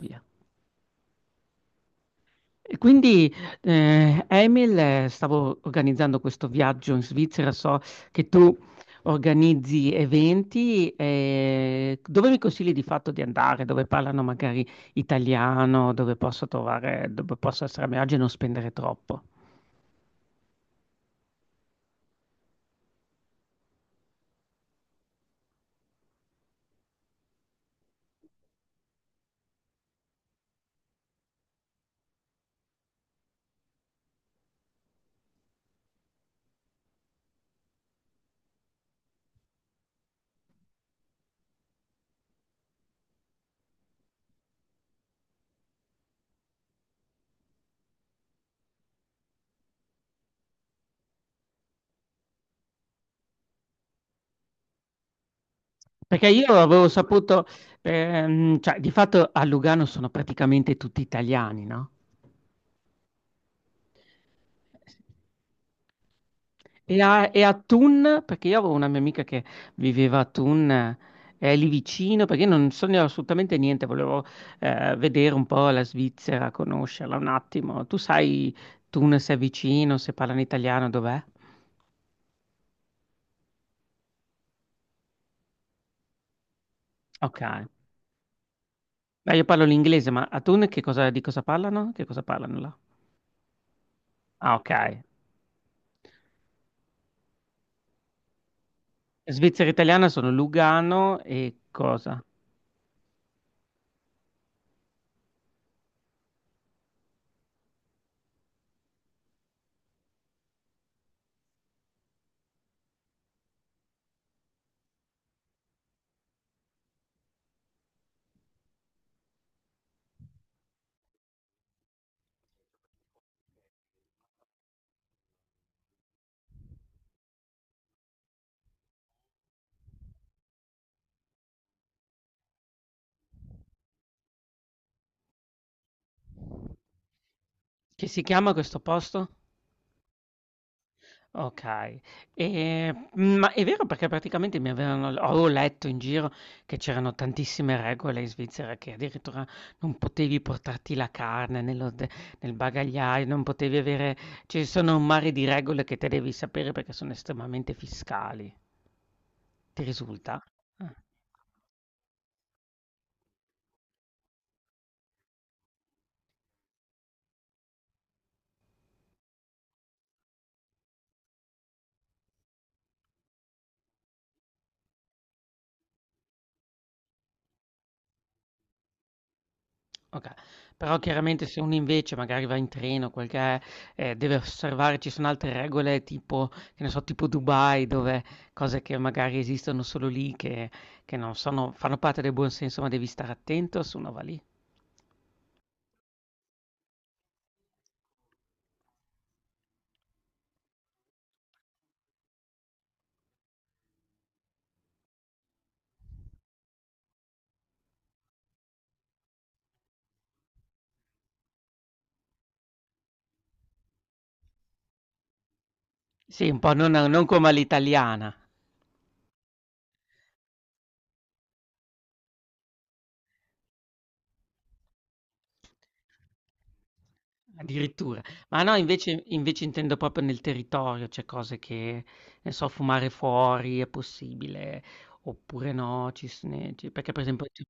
Via. E quindi, Emil, stavo organizzando questo viaggio in Svizzera. So che tu organizzi eventi. Dove mi consigli di fatto di andare? Dove parlano magari italiano? Dove posso trovare, dove posso essere a mio agio e non spendere troppo? Perché io avevo saputo, cioè, di fatto a Lugano sono praticamente tutti italiani, no? E a Thun, perché io avevo una mia amica che viveva a Thun, lì vicino, perché io non so assolutamente niente, volevo vedere un po' la Svizzera, conoscerla un attimo. Tu sai Thun se è vicino, se parlano italiano, dov'è? Ok. Beh, io parlo l'inglese, ma a Thun che cosa, di cosa parlano? Che cosa parlano là? Ah, ok. Svizzera italiana sono Lugano e cosa? Che si chiama questo posto? Okay. Ma è vero perché praticamente mi avevano l avevo letto in giro che c'erano tantissime regole in Svizzera, che addirittura non potevi portarti la carne nel bagagliaio, non potevi avere ci sono un mare di regole che te devi sapere perché sono estremamente fiscali. Ti risulta? Ah. Oka Però chiaramente se uno invece magari va in treno, quel che è, deve osservare ci sono altre regole tipo che ne so, tipo Dubai dove cose che magari esistono solo lì che non sono fanno parte del buon senso, ma devi stare attento se uno va lì. Sì, un po' non come all'italiana. Addirittura. Ma no, invece intendo proprio nel territorio, cioè cose che, ne so, fumare fuori è possibile, oppure no, ci s ne ci perché per esempio ci.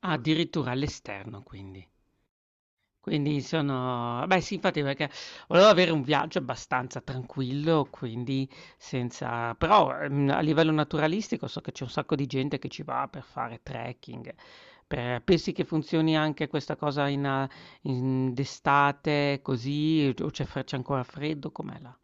Ah, addirittura all'esterno quindi. Quindi sono beh sì infatti perché volevo avere un viaggio abbastanza tranquillo, quindi senza però, a livello naturalistico so che c'è un sacco di gente che ci va per fare trekking, per pensi che funzioni anche questa cosa in a in d'estate così o c'è fre c'è ancora freddo? Com'è là?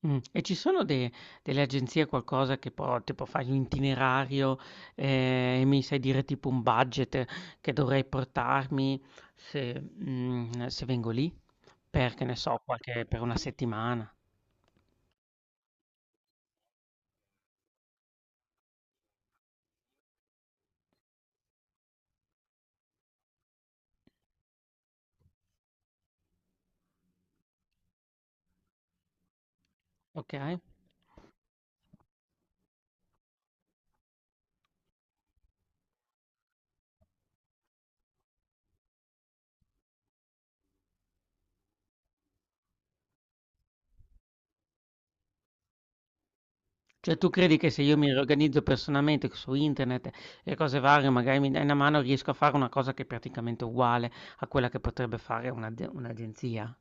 E ci sono de delle agenzie, qualcosa che può tipo fai un itinerario, e mi sai dire tipo un budget che dovrei portarmi se se vengo lì? Per, che ne so, qualche per una settimana, okay? Cioè tu credi che se io mi riorganizzo personalmente su internet e cose varie, magari mi dai una mano, riesco a fare una cosa che è praticamente uguale a quella che potrebbe fare un'agenzia?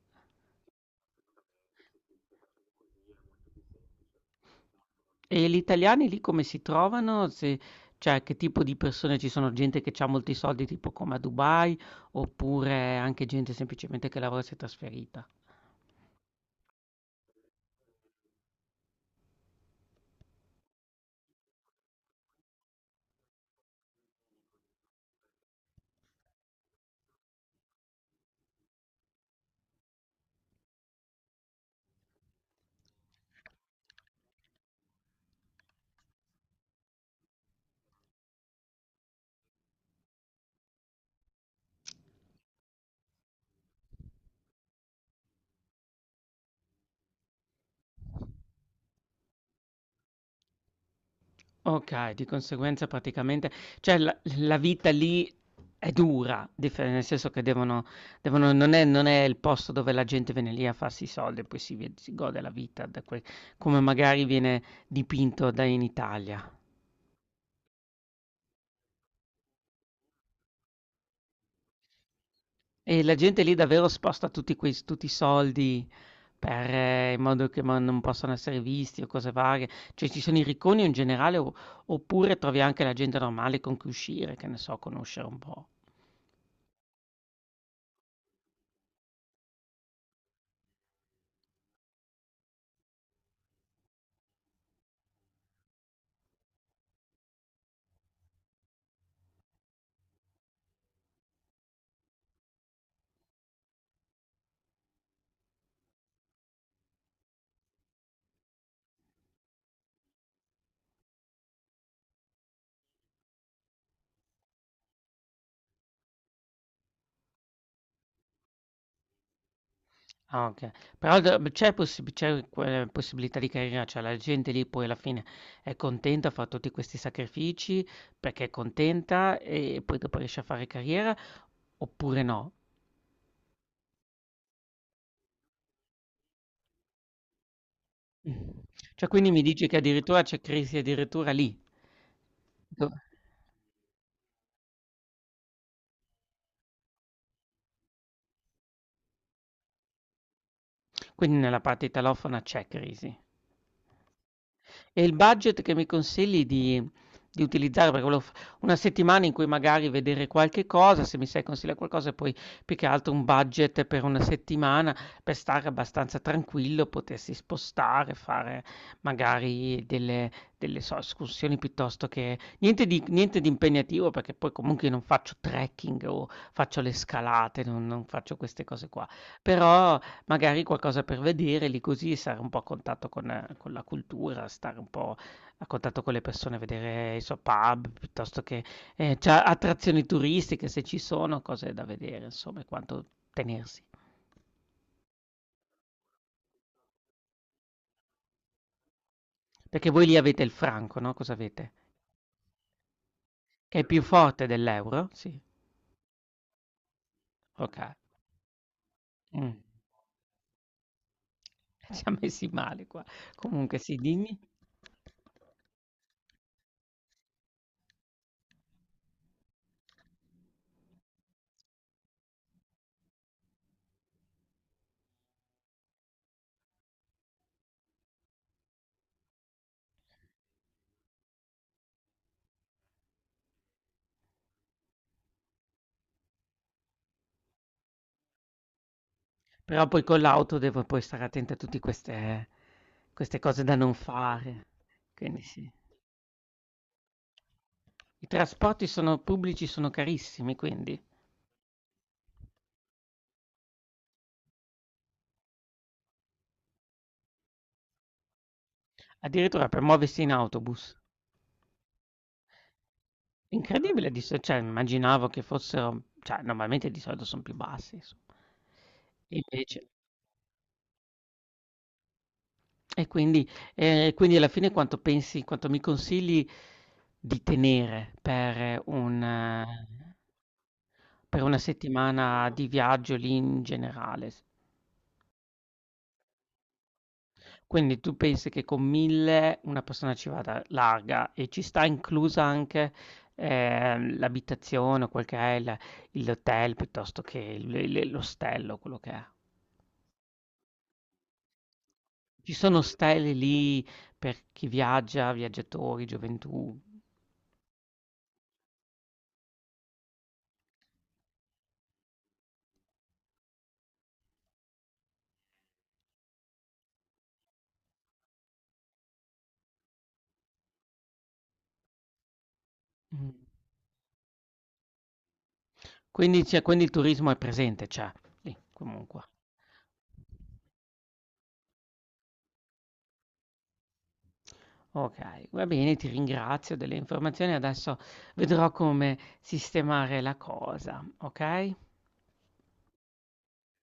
E gli italiani lì come si trovano? Se cioè che tipo di persone ci sono? Gente che c'ha molti soldi tipo come a Dubai oppure anche gente semplicemente che lavora e si è trasferita? Ok, di conseguenza praticamente, cioè la vita lì è dura, nel senso che devono, non è, non è il posto dove la gente viene lì a farsi i soldi e poi si, si gode la vita, come magari viene dipinto da in Italia. E la gente lì davvero sposta tutti i soldi per, in modo che ma non possano essere visti o cose varie. Cioè ci sono i ricconi o in generale o oppure trovi anche la gente normale con cui uscire, che ne so, conoscere un po'. Ah, okay. Però d c'è possib c'è que possibilità di carriera, cioè la gente lì poi alla fine è contenta, fa tutti questi sacrifici perché è contenta e poi dopo riesce a fare carriera oppure no? Mh. Cioè quindi mi dici che addirittura c'è crisi addirittura lì? Do Quindi nella parte italofona c'è crisi. E il budget che mi consigli di utilizzare, perché volevo f una settimana in cui magari vedere qualche cosa, se mi sai consigliare qualcosa e poi più che altro un budget per una settimana, per stare abbastanza tranquillo, potersi spostare, fare magari delle escursioni piuttosto che niente di niente di impegnativo, perché poi comunque io non faccio trekking o faccio le scalate, non faccio queste cose qua. Però magari qualcosa per vedere, lì così stare un po' a contatto con la cultura, stare un po' a contatto con le persone, vedere i suoi pub, piuttosto che, cioè attrazioni turistiche se ci sono, cose da vedere insomma e quanto tenersi. Perché voi lì avete il franco, no, cosa avete? Che è più forte dell'euro? Sì, okay. Mh. Siam messi male qua. Comunque sì, dimmi. Però poi con l'auto devo poi stare attento a tutti queste queste cose da non fare, quindi sì. I trasporti sono pubblici sono carissimi, quindi addirittura per muoversi in autobus. Incredibile di so cioè immaginavo che fossero cioè normalmente di solito son più bassi insom. E invece e quindi e quindi alla fine quanto pensi quanto mi consigli di tenere per un per una settimana di viaggio lì in generale s. Quindi tu pensi che con 1000 una persona ci vada larga e ci sta inclusa anche l'abitazione o quel che è l'hotel piuttosto che l'ostello, quello che è. Ci sono stelle lì per chi viaggia, viaggiatori, gioventù. Mm. Quindi, quindi il turismo è presente, c'è lì comunque. Ok, va bene, ti ringrazio delle informazioni, adesso vedrò come sistemare la cosa, ok?